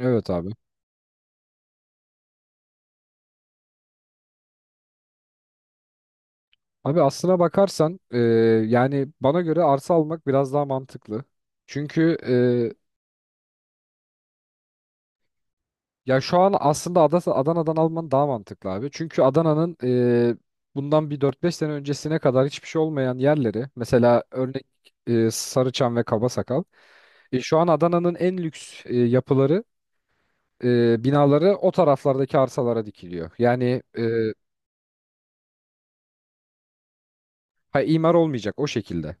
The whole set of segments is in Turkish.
Evet abi. Abi aslına bakarsan yani bana göre arsa almak biraz daha mantıklı. Çünkü ya şu an aslında Adana'dan alman daha mantıklı abi. Çünkü Adana'nın e, bundan bir dört beş sene öncesine kadar hiçbir şey olmayan yerleri mesela örnek Sarıçam ve Kabasakal. Şu an Adana'nın en lüks yapıları, binaları o taraflardaki arsalara dikiliyor. Ha, imar olmayacak o şekilde.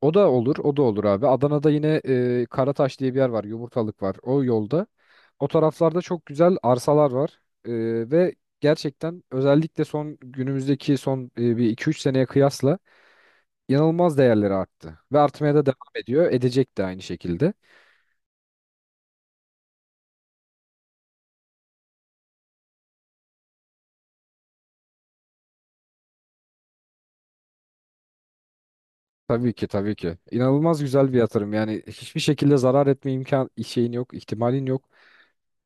O da olur, o da olur abi. Adana'da yine Karataş diye bir yer var, Yumurtalık var. O yolda. O taraflarda çok güzel arsalar var. Ve gerçekten özellikle son günümüzdeki son bir iki üç seneye kıyasla inanılmaz değerleri arttı. Ve artmaya da devam ediyor. Edecek de aynı şekilde. Tabii ki, tabii ki. İnanılmaz güzel bir yatırım. Yani hiçbir şekilde zarar etme imkan şeyin yok, ihtimalin yok.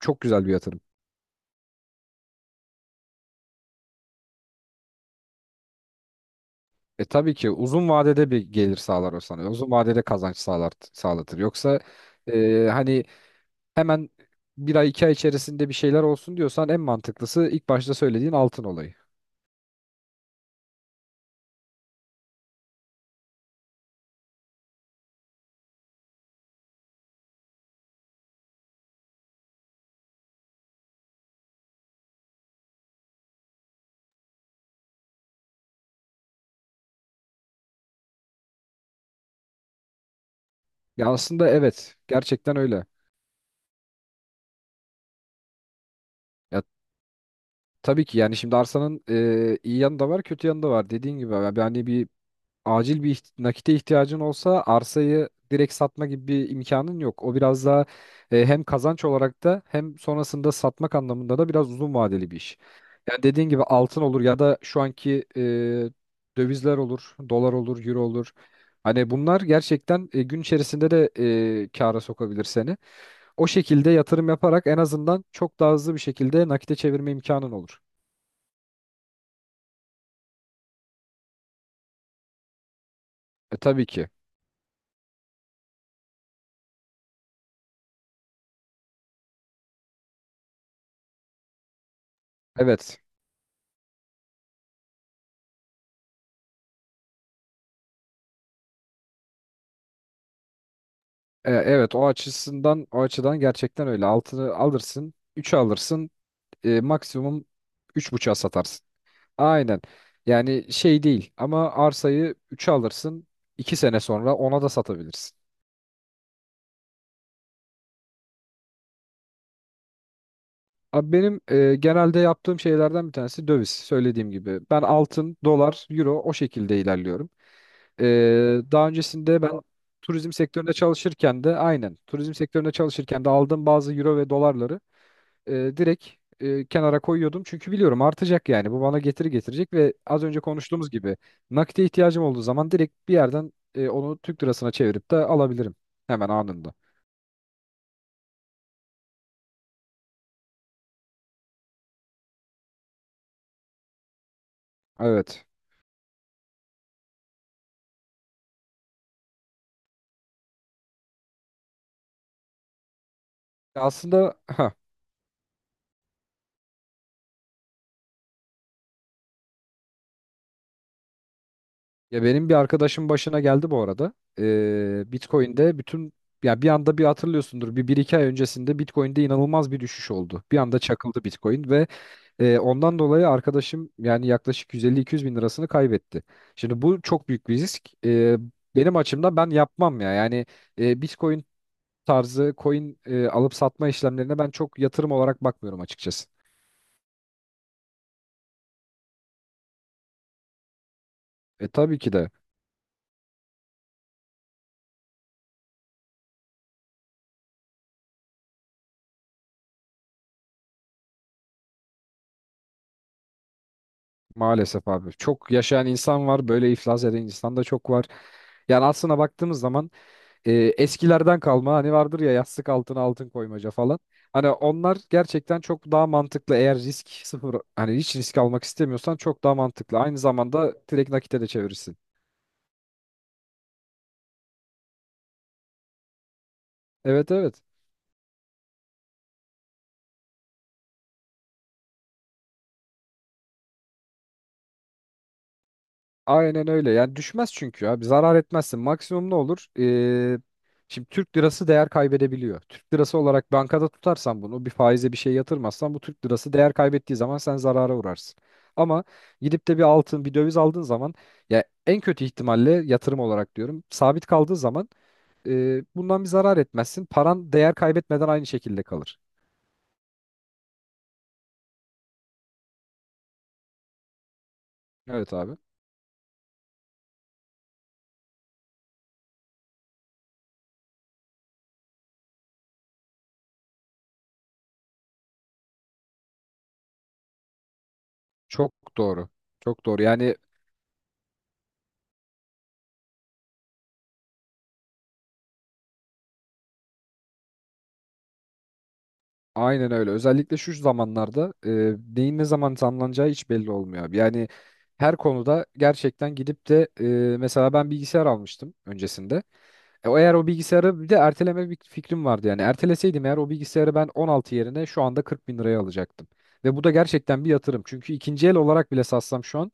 Çok güzel bir yatırım. E tabii ki uzun vadede bir gelir sağlar o sana. Uzun vadede kazanç sağlar, sağlatır. Yoksa hani hemen bir ay iki ay içerisinde bir şeyler olsun diyorsan en mantıklısı ilk başta söylediğin altın olayı. Ya aslında evet gerçekten öyle. Ya tabii ki yani şimdi arsanın iyi yanı da var kötü yanı da var. Dediğin gibi yani bir acil bir nakite ihtiyacın olsa arsayı direkt satma gibi bir imkanın yok. O biraz daha hem kazanç olarak da hem sonrasında satmak anlamında da biraz uzun vadeli bir iş. Yani dediğin gibi altın olur ya da şu anki dövizler olur, dolar olur, euro olur. Hani bunlar gerçekten gün içerisinde de kâra sokabilir seni. O şekilde yatırım yaparak en azından çok daha hızlı bir şekilde nakite çevirme imkanın olur. E, tabii ki. Evet. Evet o açısından o açıdan gerçekten öyle. Altını alırsın, 3 alırsın, maksimum 3.5'a satarsın. Aynen. Yani şey değil ama arsayı 3'e alırsın, 2 sene sonra ona da satabilirsin. Abi benim genelde yaptığım şeylerden bir tanesi döviz. Söylediğim gibi ben altın, dolar, euro o şekilde ilerliyorum. E, Daha öncesinde ben turizm sektöründe çalışırken de aynen turizm sektöründe çalışırken de aldığım bazı euro ve dolarları direkt kenara koyuyordum. Çünkü biliyorum artacak yani. Bu bana getiri getirecek ve az önce konuştuğumuz gibi nakite ihtiyacım olduğu zaman direkt bir yerden onu Türk lirasına çevirip de alabilirim hemen anında. Evet. Aslında ha ya benim bir arkadaşım başına geldi bu arada. Bitcoin'de ya bir anda hatırlıyorsundur bir iki ay öncesinde Bitcoin'de inanılmaz bir düşüş oldu. Bir anda çakıldı Bitcoin ve ondan dolayı arkadaşım yani yaklaşık 150-200 bin lirasını kaybetti. Şimdi bu çok büyük bir risk. Benim açımdan ben yapmam ya. Yani Bitcoin tarzı coin alıp satma işlemlerine ben çok yatırım olarak bakmıyorum açıkçası. E tabii ki de maalesef abi. Çok yaşayan insan var, böyle iflas eden insan da çok var. Yani aslına baktığımız zaman e, eskilerden kalma hani vardır ya yastık altına altın koymaca falan. Hani onlar gerçekten çok daha mantıklı. Eğer risk sıfır hani hiç risk almak istemiyorsan çok daha mantıklı. Aynı zamanda direkt nakite de çevirirsin. Evet evet. Aynen öyle. Yani düşmez çünkü abi. Zarar etmezsin. Maksimum ne olur? Şimdi Türk lirası değer kaybedebiliyor. Türk lirası olarak bankada tutarsan bunu bir faize bir şey yatırmazsan bu Türk lirası değer kaybettiği zaman sen zarara uğrarsın. Ama gidip de bir altın, bir döviz aldığın zaman ya en kötü ihtimalle yatırım olarak diyorum sabit kaldığı zaman bundan bir zarar etmezsin. Paran değer kaybetmeden aynı şekilde kalır. Evet abi. Çok doğru. Çok doğru. Yani aynen öyle. Özellikle şu zamanlarda neyin ne zaman tamlanacağı hiç belli olmuyor abi. Yani her konuda gerçekten gidip de mesela ben bilgisayar almıştım öncesinde. E, o Eğer o bilgisayarı bir de erteleme bir fikrim vardı yani. Erteleseydim eğer o bilgisayarı ben 16 yerine şu anda 40 bin liraya alacaktım. Ve bu da gerçekten bir yatırım. Çünkü ikinci el olarak bile satsam şu an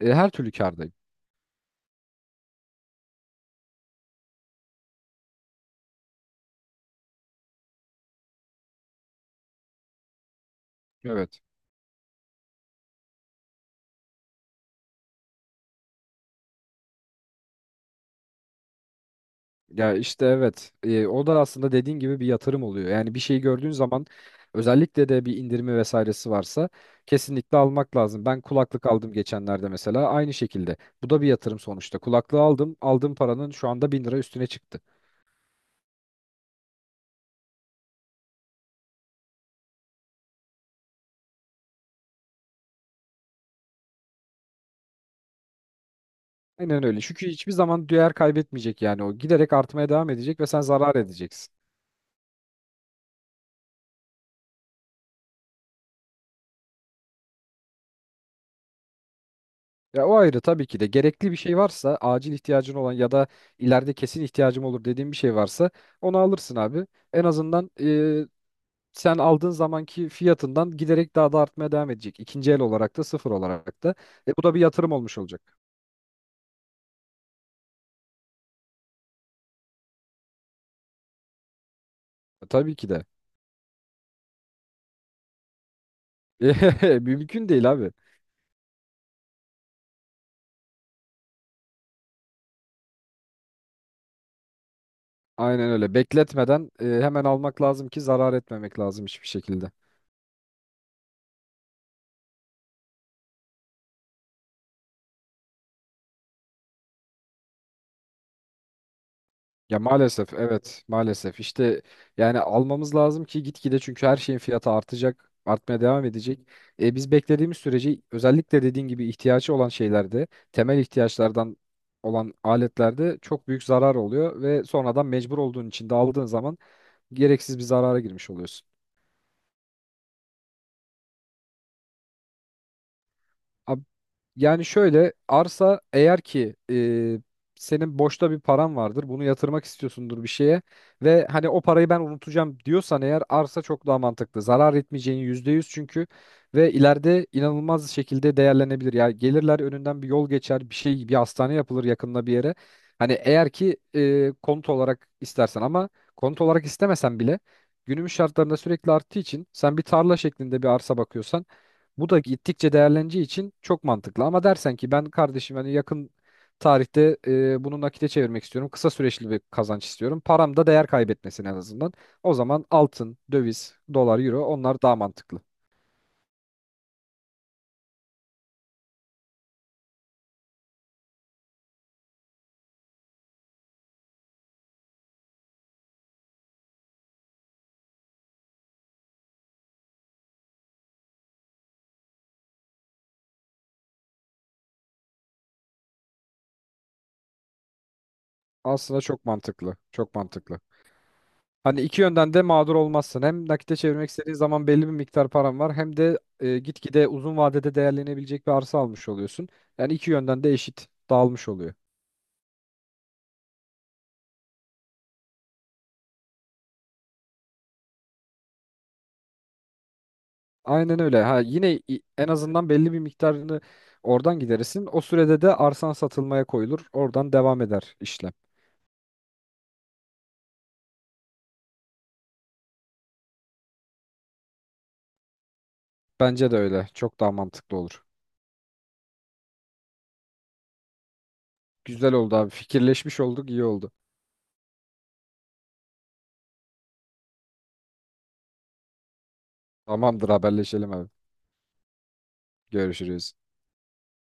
her türlü kârdayım. Evet. Ya işte evet. O da aslında dediğin gibi bir yatırım oluyor. Yani bir şeyi gördüğün zaman özellikle de bir indirimi vesairesi varsa kesinlikle almak lazım. Ben kulaklık aldım geçenlerde mesela aynı şekilde. Bu da bir yatırım sonuçta. Kulaklığı aldım. Aldığım paranın şu anda 1000 lira üstüne çıktı. Aynen öyle. Çünkü hiçbir zaman değer kaybetmeyecek yani o. Giderek artmaya devam edecek ve sen zarar edeceksin. Ya o ayrı. Tabii ki de gerekli bir şey varsa acil ihtiyacın olan ya da ileride kesin ihtiyacım olur dediğin bir şey varsa onu alırsın abi. En azından sen aldığın zamanki fiyatından giderek daha da artmaya devam edecek. İkinci el olarak da sıfır olarak da. E bu da bir yatırım olmuş olacak. E, tabii ki de. Mümkün değil abi. Aynen öyle. Bekletmeden hemen almak lazım ki zarar etmemek lazım hiçbir şekilde. Ya maalesef evet maalesef işte yani almamız lazım ki gitgide çünkü her şeyin fiyatı artacak artmaya devam edecek. Biz beklediğimiz sürece özellikle dediğin gibi ihtiyacı olan şeylerde temel ihtiyaçlardan olan aletlerde çok büyük zarar oluyor ve sonradan mecbur olduğun için de aldığın zaman gereksiz bir zarara girmiş oluyorsun. Ab- Yani şöyle arsa eğer ki senin boşta bir paran vardır bunu yatırmak istiyorsundur bir şeye ve hani o parayı ben unutacağım diyorsan eğer arsa çok daha mantıklı. Zarar etmeyeceğin %100 çünkü. Ve ileride inanılmaz şekilde değerlenebilir. Yani gelirler önünden bir yol geçer, bir şey, bir hastane yapılır yakında bir yere. Hani eğer ki konut olarak istersen ama konut olarak istemesen bile günümüz şartlarında sürekli arttığı için sen bir tarla şeklinde bir arsa bakıyorsan bu da gittikçe değerleneceği için çok mantıklı. Ama dersen ki ben kardeşim hani yakın tarihte bunu nakite çevirmek istiyorum. Kısa süreçli bir kazanç istiyorum. Param da değer kaybetmesin en azından. O zaman altın, döviz, dolar, euro onlar daha mantıklı. Aslında çok mantıklı. Çok mantıklı. Hani iki yönden de mağdur olmazsın. Hem nakite çevirmek istediğin zaman belli bir miktar param var. Hem de gitgide uzun vadede değerlenebilecek bir arsa almış oluyorsun. Yani iki yönden de eşit dağılmış oluyor. Aynen öyle. Ha yine en azından belli bir miktarını oradan giderirsin. O sürede de arsan satılmaya koyulur. Oradan devam eder işlem. Bence de öyle. Çok daha mantıklı olur. Güzel oldu abi. Fikirleşmiş olduk, iyi oldu. Tamamdır, haberleşelim abi. Görüşürüz.